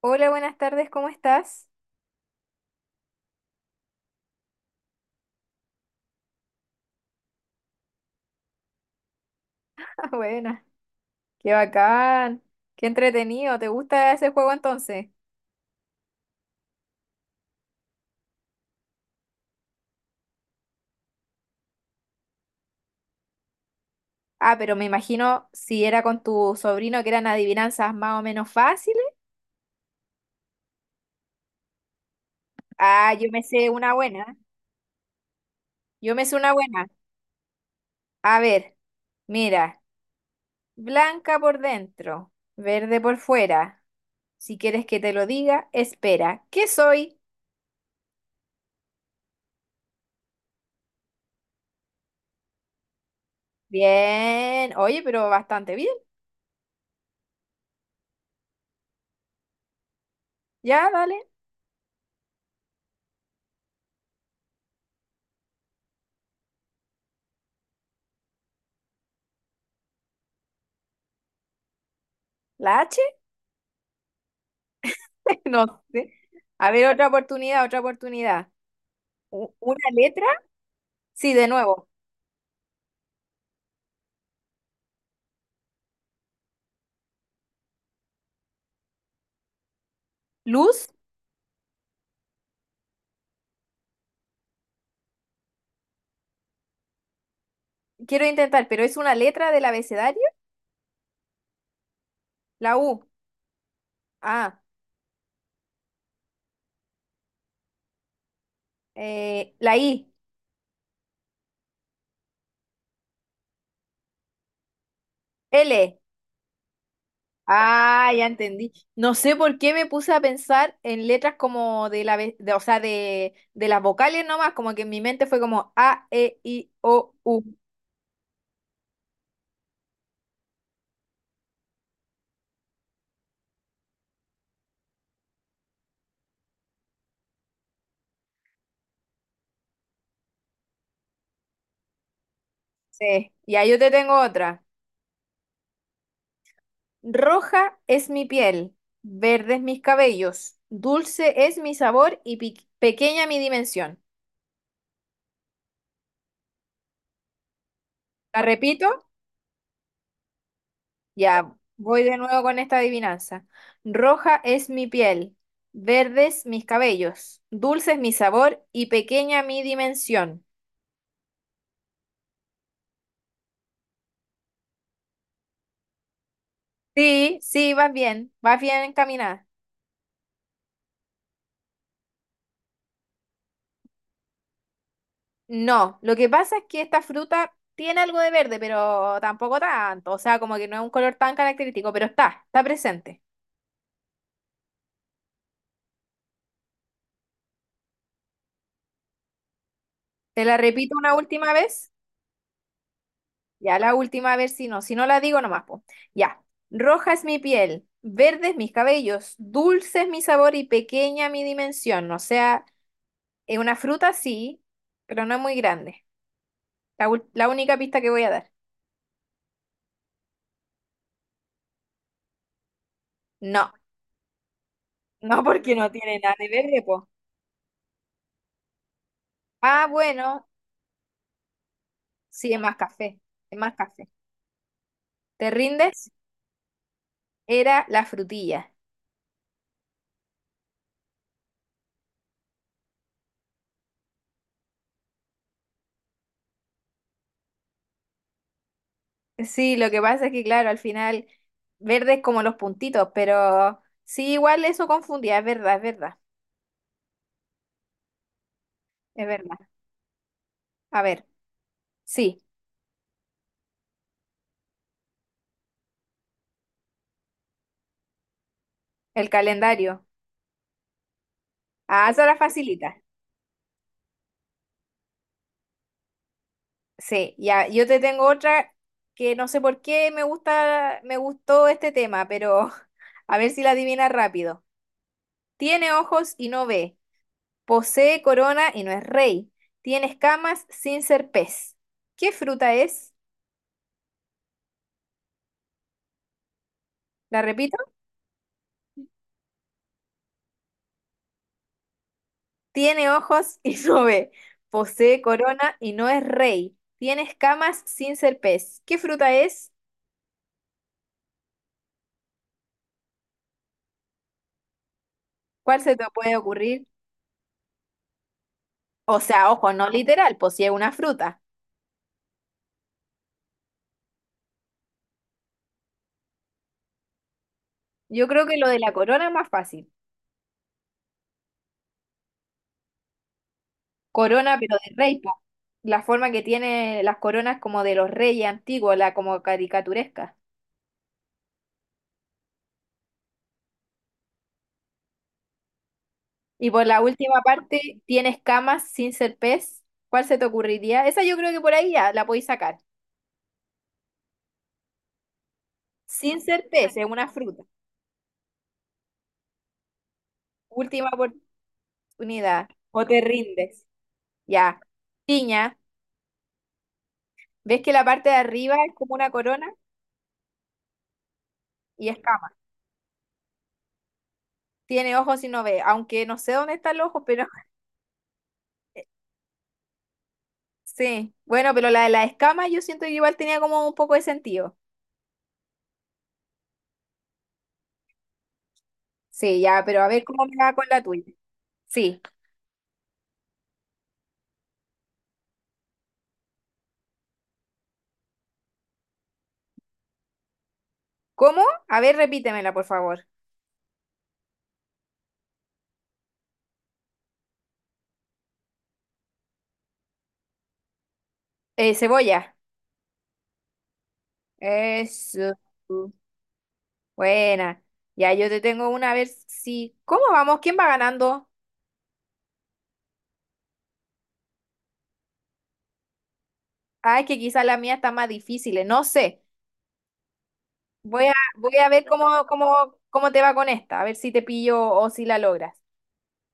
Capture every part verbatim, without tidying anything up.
Hola, buenas tardes, ¿cómo estás? Ah, buena, qué bacán, qué entretenido, ¿te gusta ese juego entonces? Ah, pero me imagino si era con tu sobrino que eran adivinanzas más o menos fáciles. Ah, yo me sé una buena, yo me sé una buena. A ver, mira, blanca por dentro, verde por fuera. Si quieres que te lo diga, espera, ¿qué soy? Bien, oye, pero bastante bien. Ya, dale, la H. No sé. A ver, otra oportunidad, otra oportunidad. U- ¿Una letra? Sí, de nuevo. Luz, quiero intentar, pero es una letra del abecedario. La U. Ah, eh, la I. L. Ah, ya entendí. No sé por qué me puse a pensar en letras como de la, ve- de, o sea, de, de las vocales nomás, como que en mi mente fue como A, E, I, O, U. Sí. Y ahí yo te tengo otra. Roja es mi piel, verdes mis cabellos, dulce es mi sabor y pi- pequeña mi dimensión. La repito, ya voy de nuevo con esta adivinanza. Roja es mi piel, verdes mis cabellos, dulce es mi sabor y pequeña mi dimensión. Sí, sí, vas bien, vas bien encaminada. No, lo que pasa es que esta fruta tiene algo de verde, pero tampoco tanto, o sea, como que no es un color tan característico, pero está, está presente. ¿Te la repito una última vez? Ya, la última, a ver si no. Si no la digo, nomás, po. Ya. Roja es mi piel, verdes mis cabellos, dulce es mi sabor y pequeña mi dimensión. O sea, es una fruta sí, pero no es muy grande. La, ul- la única pista que voy a dar. No, no porque no tiene nada de verde, po. Ah, bueno, sí, es más café, es más café. ¿Te rindes? Era la frutilla. Sí, lo que pasa es que, claro, al final verde es como los puntitos, pero sí, igual eso confundía, es verdad, es verdad, es verdad. A ver, sí, el calendario. Ah, esa la facilita. Sí, ya, yo te tengo otra que no sé por qué me gusta, me gustó este tema, pero a ver si la adivinas rápido. Tiene ojos y no ve, posee corona y no es rey, tiene escamas sin ser pez. ¿Qué fruta es? La repito. Tiene ojos y no ve. Posee corona y no es rey. Tiene escamas sin ser pez. ¿Qué fruta es? ¿Cuál se te puede ocurrir? O sea, ojo, no literal, posee una fruta. Yo creo que lo de la corona es más fácil. Corona, pero de rey, po. La forma que tiene las coronas como de los reyes antiguos, la como caricaturesca. Y por la última parte, tiene escamas sin ser pez. ¿Cuál se te ocurriría? Esa yo creo que por ahí ya la podéis sacar. Sin ser pez, es una fruta. Última unidad. O te rindes. Ya. Piña. ¿Ves que la parte de arriba es como una corona y escamas? Tiene ojos y no ve, aunque no sé dónde está el ojo, pero sí. Bueno, pero la de las escamas yo siento que igual tenía como un poco de sentido. Sí, ya, pero a ver cómo me va con la tuya. Sí. ¿Cómo? A ver, repítemela, por favor. Eh, cebolla. Eso. Buena. Ya, yo te tengo una, a ver si... ¿Cómo vamos? ¿Quién va ganando? Ah, es que quizás la mía está más difícil, eh, no sé. Voy a, voy a ver cómo, cómo, cómo te va con esta, a ver si te pillo o si la logras.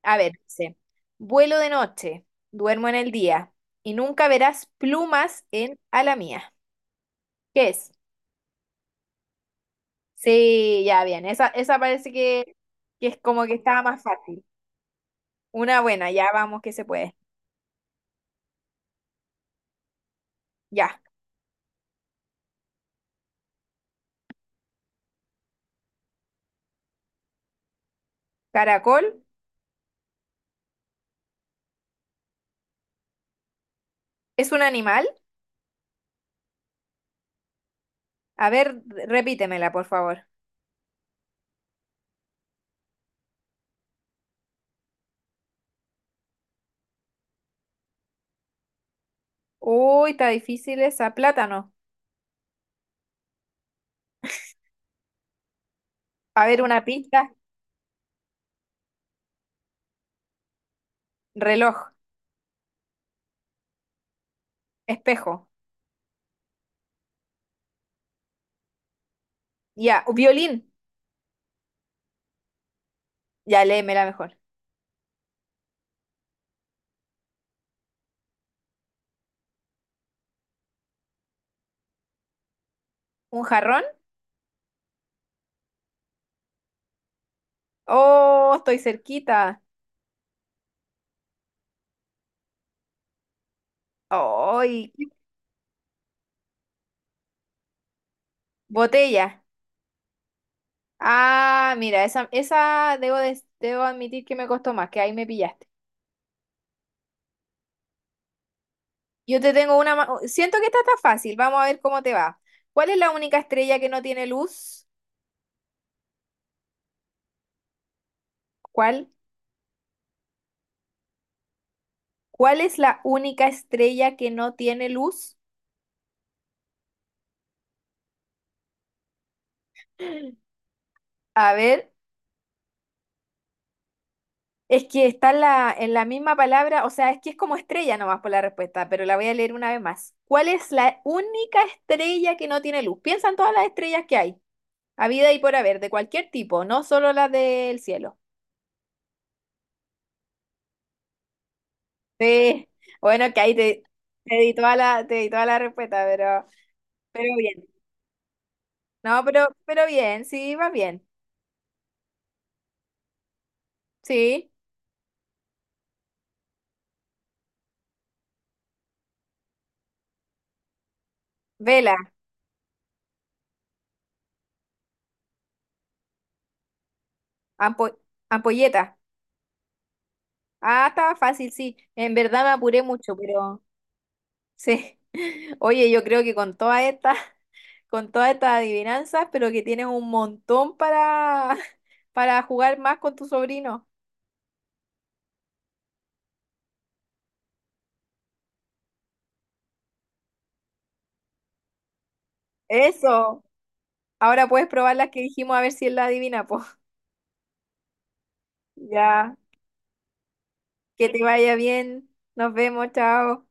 A ver, dice, vuelo de noche, duermo en el día y nunca verás plumas en ala mía. ¿Qué es? Sí, ya bien, esa, esa parece que, que es como que estaba más fácil. Una buena, ya vamos que se puede. Ya, caracol, ¿es un animal? A ver, repítemela, por favor. Uy, está difícil esa, plátano. A ver, una pista, reloj, espejo. Ya, violín. Ya léeme la mejor. ¿Un jarrón? Oh, estoy cerquita. ¡Ay! Botella. Ah, mira, esa, esa debo, des- debo admitir que me costó más, que ahí me pillaste. Yo te tengo una... ma- Siento que esta está fácil, vamos a ver cómo te va. ¿Cuál es la única estrella que no tiene luz? ¿Cuál? ¿Cuál es la única estrella que no tiene luz? A ver, es que está en la, en la misma palabra, o sea, es que es como estrella nomás por la respuesta, pero la voy a leer una vez más. ¿Cuál es la única estrella que no tiene luz? Piensa en todas las estrellas que hay, habida y por haber, de cualquier tipo, no solo las del cielo. Sí, bueno, que ahí te, te di toda la, te di toda la respuesta, pero, pero bien. No, pero, pero bien, sí, va bien. Sí, vela, ampo- ampolleta. Ah, estaba fácil, sí. En verdad me apuré mucho, pero... Sí. Oye, yo creo que con todas estas, con todas estas adivinanzas, pero que tienes un montón para, para jugar más con tu sobrino. Eso. Ahora puedes probar las que dijimos a ver si él la adivina, pues. Ya. Que te vaya bien. Nos vemos, chao.